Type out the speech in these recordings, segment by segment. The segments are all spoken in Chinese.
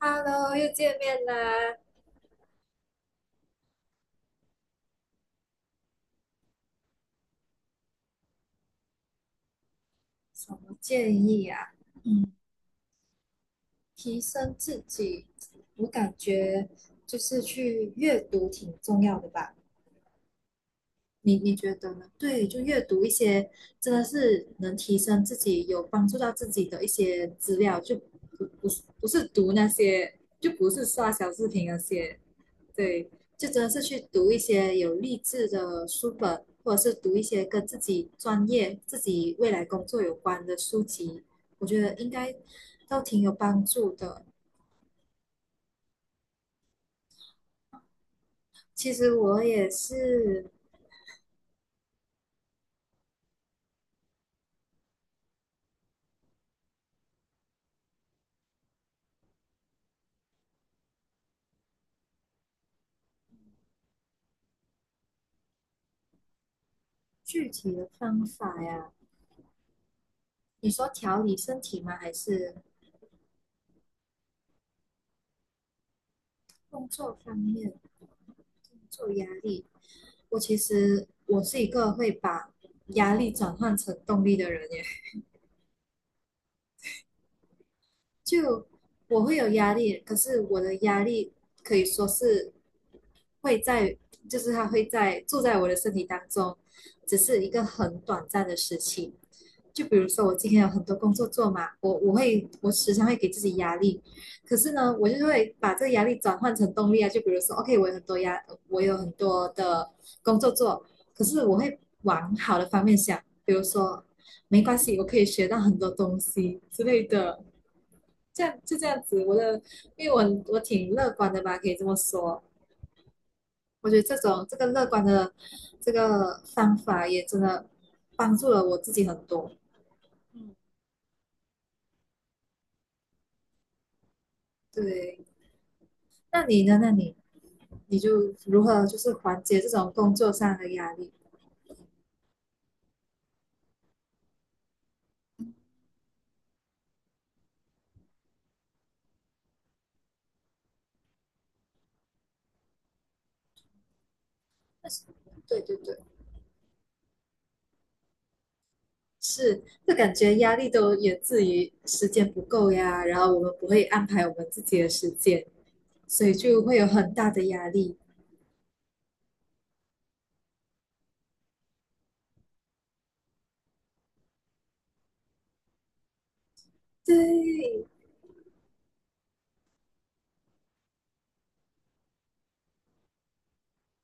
Hello，又见面啦！什么建议啊？嗯，提升自己，我感觉就是去阅读挺重要的吧？你觉得呢？对，就阅读一些真的是能提升自己、有帮助到自己的一些资料，就不是读那些，就不是刷小视频那些。对，就真的是去读一些有励志的书本，或者是读一些跟自己专业、自己未来工作有关的书籍，我觉得应该都挺有帮助的。其实我也是。具体的方法呀，你说调理身体吗？还是工作方面、工作压力？其实我是一个会把压力转换成动力的人耶，就我会有压力，可是我的压力可以说是会在，就是他住在我的身体当中，只是一个很短暂的时期。就比如说我今天有很多工作做嘛，我时常会给自己压力，可是呢，我就会把这个压力转换成动力啊。就比如说，OK,我有很多的工作做，可是我会往好的方面想，比如说没关系，我可以学到很多东西之类的。这样子，因为我挺乐观的吧，可以这么说。我觉得这个乐观的这个方法也真的帮助了我自己很多。对，那你呢？那你就如何就是缓解这种工作上的压力？但是，对对对，是，就感觉压力都源自于时间不够呀，然后我们不会安排我们自己的时间，所以就会有很大的压力。对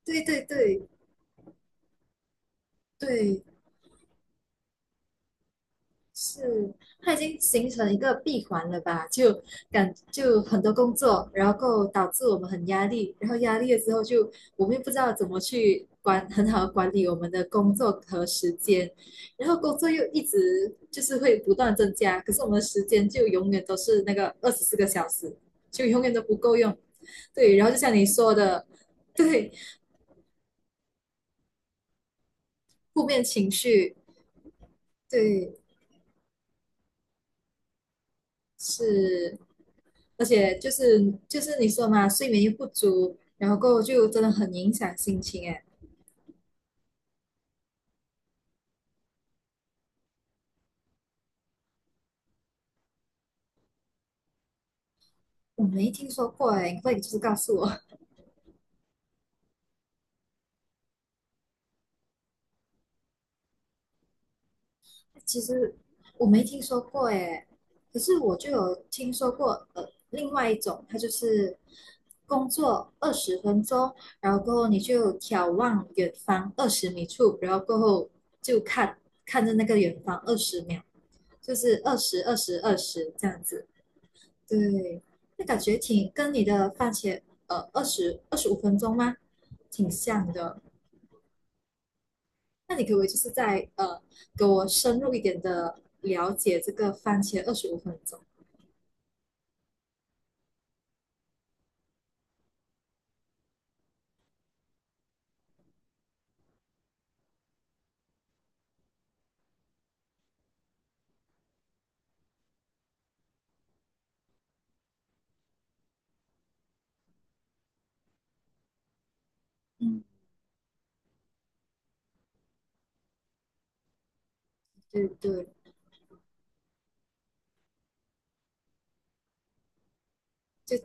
对对对对，是，它已经形成一个闭环了吧？就很多工作，然后导致我们很压力，然后压力了之后就我们又不知道怎么去管，很好的管理我们的工作和时间，然后工作又一直就是会不断增加，可是我们的时间就永远都是那个24个小时，就永远都不够用。对，然后就像你说的，对，负面情绪，对，是。而且就是你说嘛，睡眠又不足，然后过后就真的很影响心情哎。我没听说过哎，你快就是告诉我。其实我没听说过哎，可是我就有听说过另外一种，它就是工作二十分钟，然后过后你就眺望远方20米处，然后过后就看看着那个远方20秒，就是二十二十二十这样子。对，那感觉挺跟你的番茄二十五分钟吗？挺像的。那你可不可以就是在给我深入一点的了解这个番茄二十五分钟？嗯，对对，就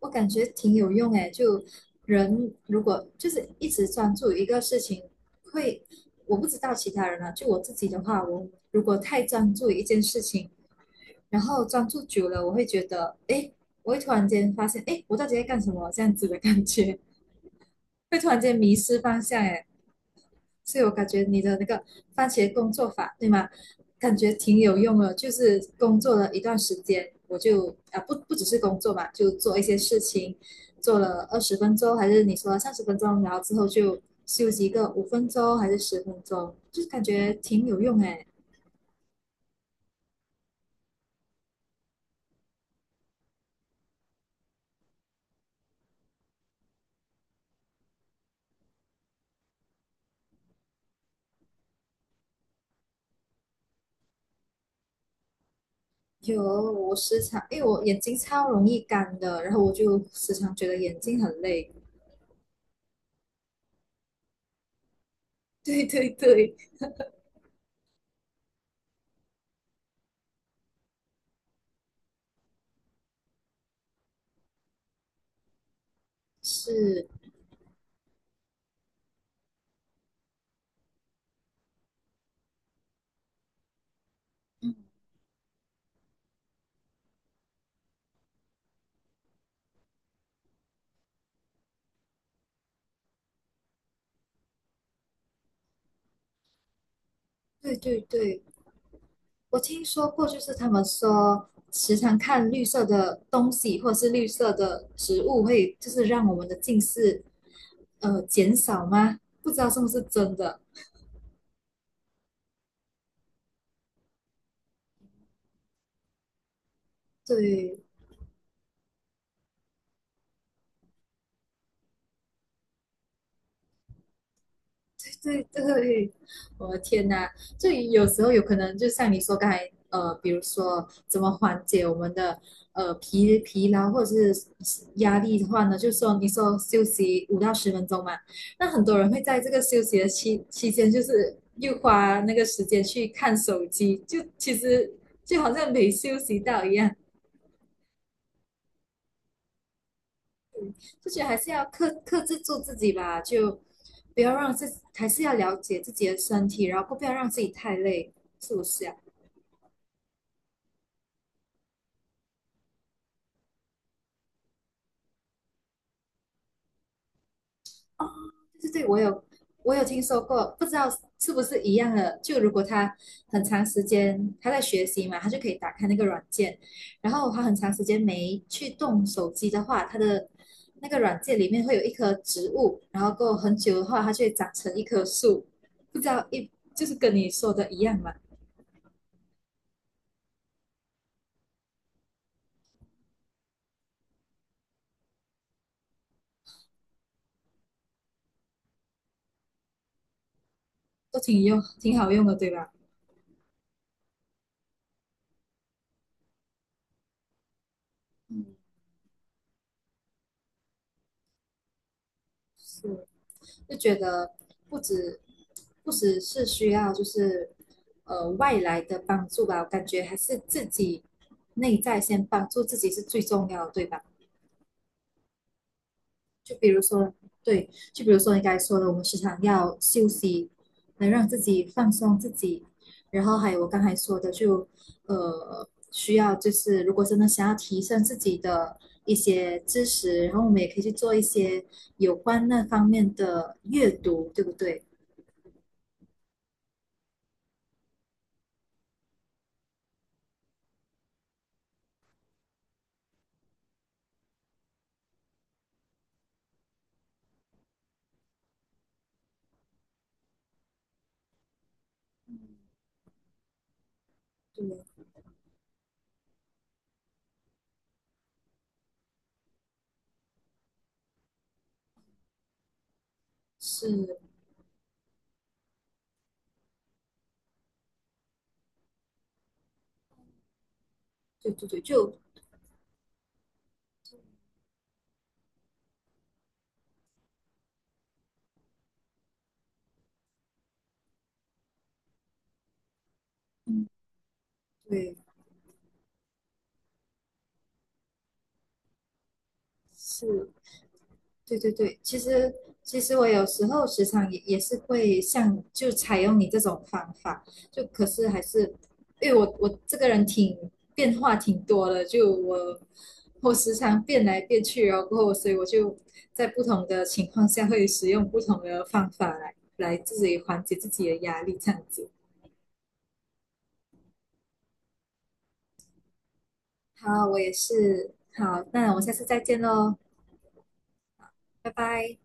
我感觉挺有用诶。就人如果就是一直专注一个事情，会我不知道其他人啊，就我自己的话，我如果太专注一件事情，然后专注久了，我会觉得，哎，我会突然间发现，哎，我到底在干什么？这样子的感觉，会突然间迷失方向，哎，所以我感觉你的那个番茄工作法，对吗？感觉挺有用的，就是工作了一段时间，我就不只是工作嘛，就做一些事情，做了二十分钟，还是你说30分钟，然后之后就休息一个五分钟还是十分钟，就是感觉挺有用哎。有，我时常，因为我眼睛超容易干的，然后我就时常觉得眼睛很累。对对对，是，嗯，对对对，我听说过，就是他们说，时常看绿色的东西或者是绿色的食物，会就是让我们的近视减少吗？不知道是不是真的。对，对对，我的天呐，就有时候有可能就像你说刚才，比如说怎么缓解我们的呃疲疲劳或者是压力的话呢，就说你说休息5到10分钟嘛，那很多人会在这个休息的间，就是又花那个时间去看手机，就其实就好像没休息到一样。就觉得还是要制住自己吧，就不要让自己还是要了解自己的身体，然后不要让自己太累，是不是啊？对对对，我有听说过，不知道是不是一样的。就如果他很长时间他在学习嘛，他就可以打开那个软件，然后他很长时间没去动手机的话，他的那个软件里面会有一棵植物，然后过很久的话，它就会长成一棵树。不知道就是跟你说的一样嘛，都挺好用的，对吧？是，就觉得不止不只是需要就是外来的帮助吧，我感觉还是自己内在先帮助自己是最重要的，对吧？就比如说，对，就比如说你刚才说的，我们时常要休息，能让自己放松自己，然后还有我刚才说的就，需要就是如果真的想要提升自己的一些知识，然后我们也可以去做一些有关那方面的阅读，对不对？对，是，对对对，就嗯，对，是，对对对，其实我有时候时常也是会像就采用你这种方法，就可是还是因为我这个人挺变化挺多的，就我时常变来变去，然后所以我就在不同的情况下会使用不同的方法来自己缓解自己的压力，这样子。好，我也是。好，那我们下次再见喽，拜拜。